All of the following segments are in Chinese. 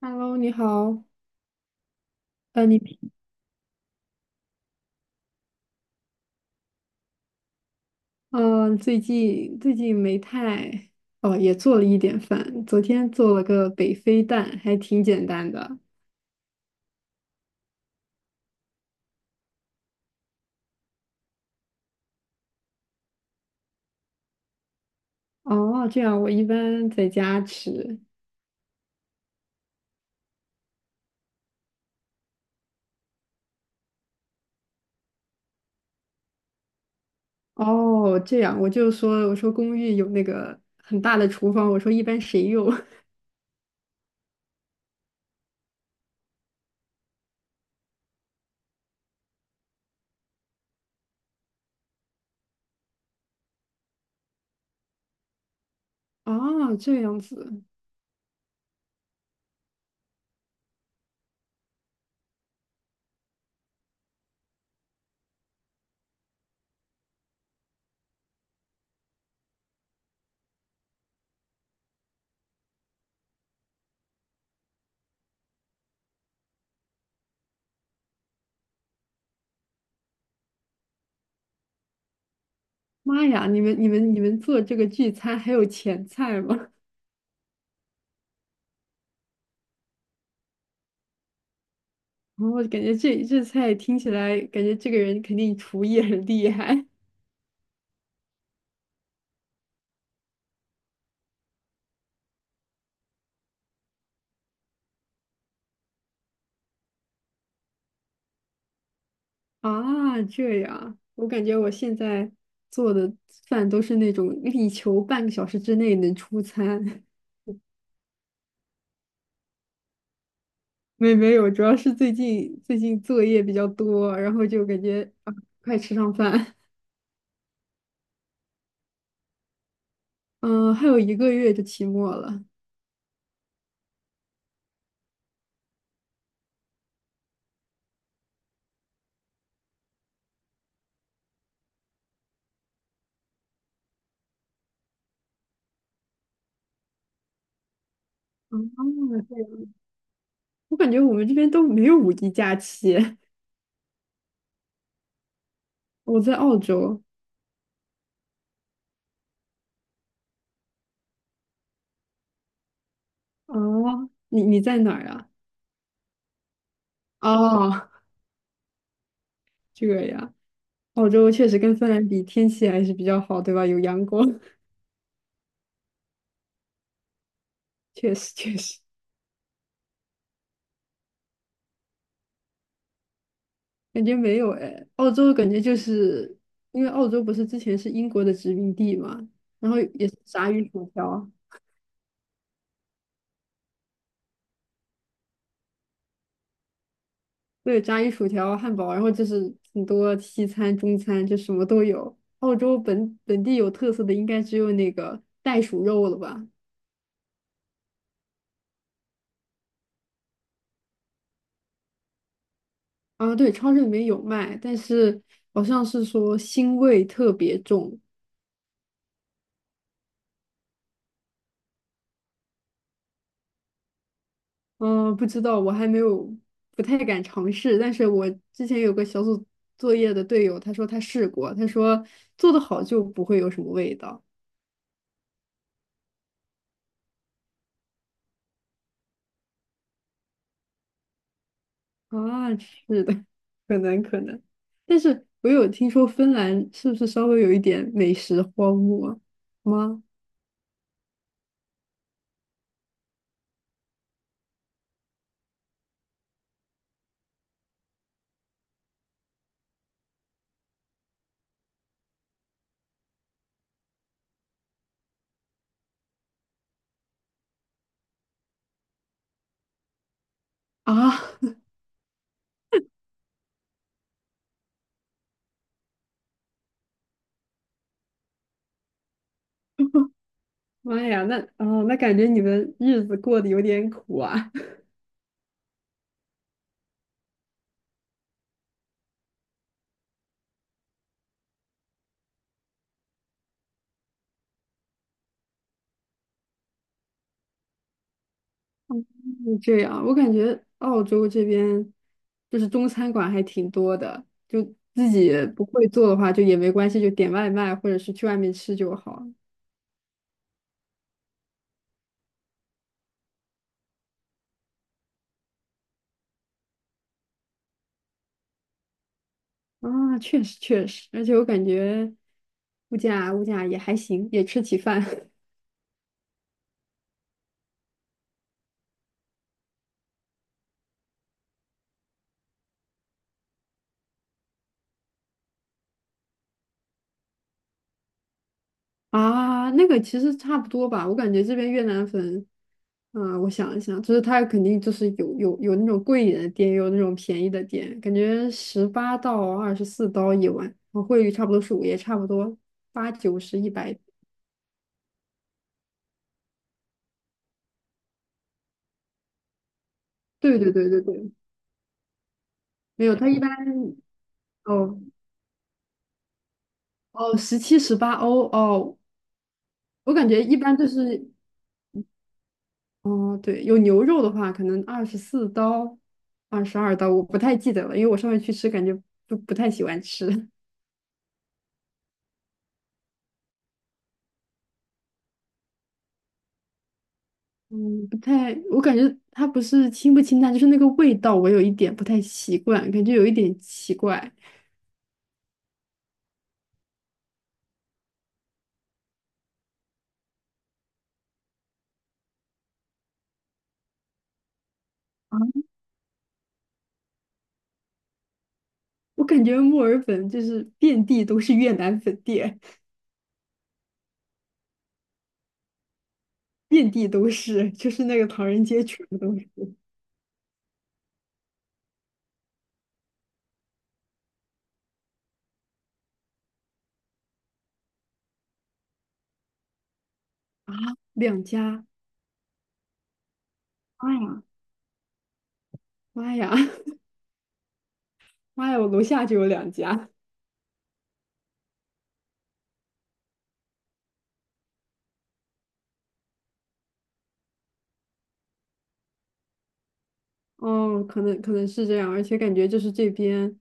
Hello，你好。呃，你平呃最近最近没太哦，也做了一点饭。昨天做了个北非蛋，还挺简单的。哦，这样我一般在家吃。哦，这样我就说，我说公寓有那个很大的厨房，我说一般谁用？哦，这样子。妈呀，你们做这个聚餐还有前菜吗？然感觉这菜听起来，感觉这个人肯定厨艺很厉害。啊，这样，我感觉我现在做的饭都是那种力求半个小时之内能出餐。没有，主要是最近作业比较多，然后就感觉啊，快吃上饭。嗯，还有一个月就期末了。啊，这样我感觉我们这边都没有五一假期。我在澳洲。啊，你在哪儿啊？哦，这样，澳洲确实跟芬兰比，天气还是比较好，对吧？有阳光，确实确实。感觉没有哎，澳洲感觉就是因为澳洲不是之前是英国的殖民地嘛，然后也是炸鱼薯条，对，炸鱼薯条、汉堡，然后就是很多西餐、中餐，就什么都有。澳洲本地有特色的应该只有那个袋鼠肉了吧？啊，对，超市里面有卖，但是好像是说腥味特别重，嗯，不知道，我还没有，不太敢尝试。但是我之前有个小组作业的队友，他说他试过，他说做的好就不会有什么味道。啊。是的，可能可能。但是我有听说芬兰是不是稍微有一点美食荒漠吗？啊，妈呀，那啊，那感觉你们日子过得有点苦啊。就这样，我感觉澳洲这边就是中餐馆还挺多的，就自己不会做的话就也没关系，就点外卖或者是去外面吃就好。啊，确实确实，而且我感觉物价也还行，也吃起饭。啊，那个其实差不多吧，我感觉这边越南粉，啊、我想一想，就是它肯定就是有那种贵一点的店，也有那种便宜的店，感觉18到24刀一碗，然后汇率差不多是五，也差不多八九十一百。对对对对对，没有，它一般哦哦17、18欧哦，我感觉一般就是哦对，有牛肉的话可能二十四刀、22刀，我不太记得了，因为我上回去吃感觉不太喜欢吃。嗯，不太，我感觉它不是清不清淡，就是那个味道，我有一点不太习惯，感觉有一点奇怪。啊，我感觉墨尔本就是遍地都是越南粉店，遍地都是，就是那个唐人街全部都是啊，两家，妈呀！妈呀，妈呀，我楼下就有两家。哦，可能可能是这样，而且感觉就是这边，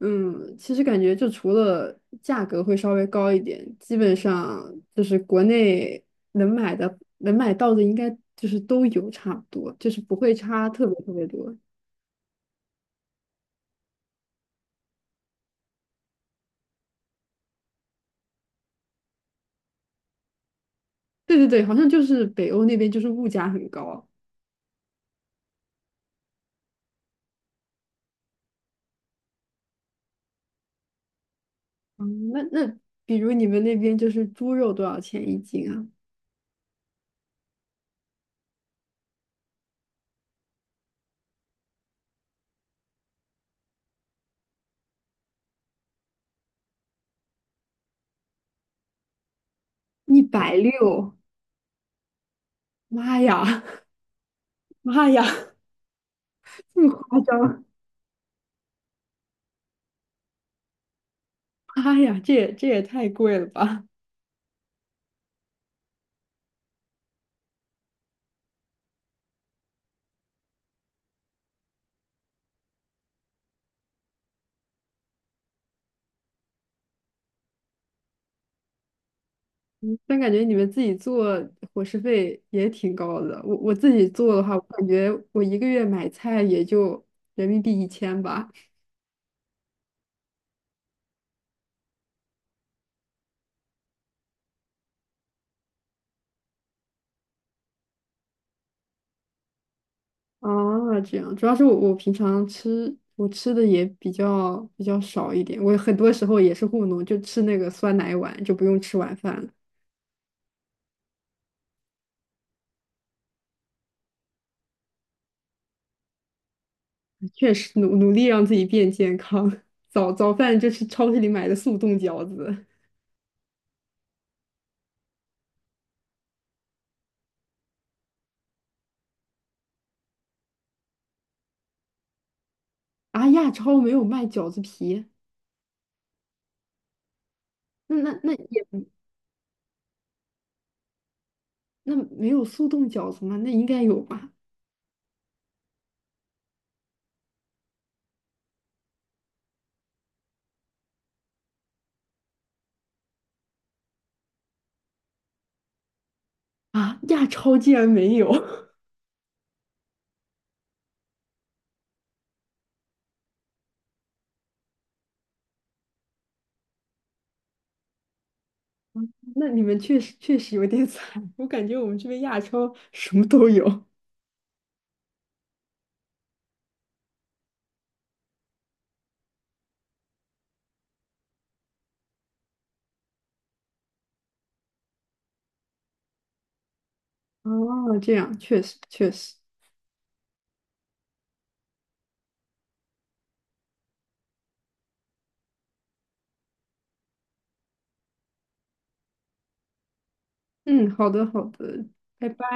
嗯，其实感觉就除了价格会稍微高一点，基本上就是国内能买的能买到的应该就是都有差不多，就是不会差特别特别多。对对对，好像就是北欧那边就是物价很高。嗯，那比如你们那边就是猪肉多少钱一斤啊？160，妈呀 妈呀，这么夸张？妈呀，这也太贵了吧！嗯但感觉你们自己做伙食费也挺高的。我自己做的话，我感觉我一个月买菜也就人民币1000吧。啊，这样，主要是我平常吃我吃的也比较少一点，我很多时候也是糊弄，就吃那个酸奶碗，就不用吃晚饭了。确实努努力让自己变健康，早饭就是超市里买的速冻饺子。啊，亚超没有卖饺子皮，那那那也那没有速冻饺子吗？那应该有吧。啊，亚超竟然没有，那你们确实确实有点 惨。我感觉我们这边亚超什么都有。哦，这样确实确实，嗯，好的好的，拜拜。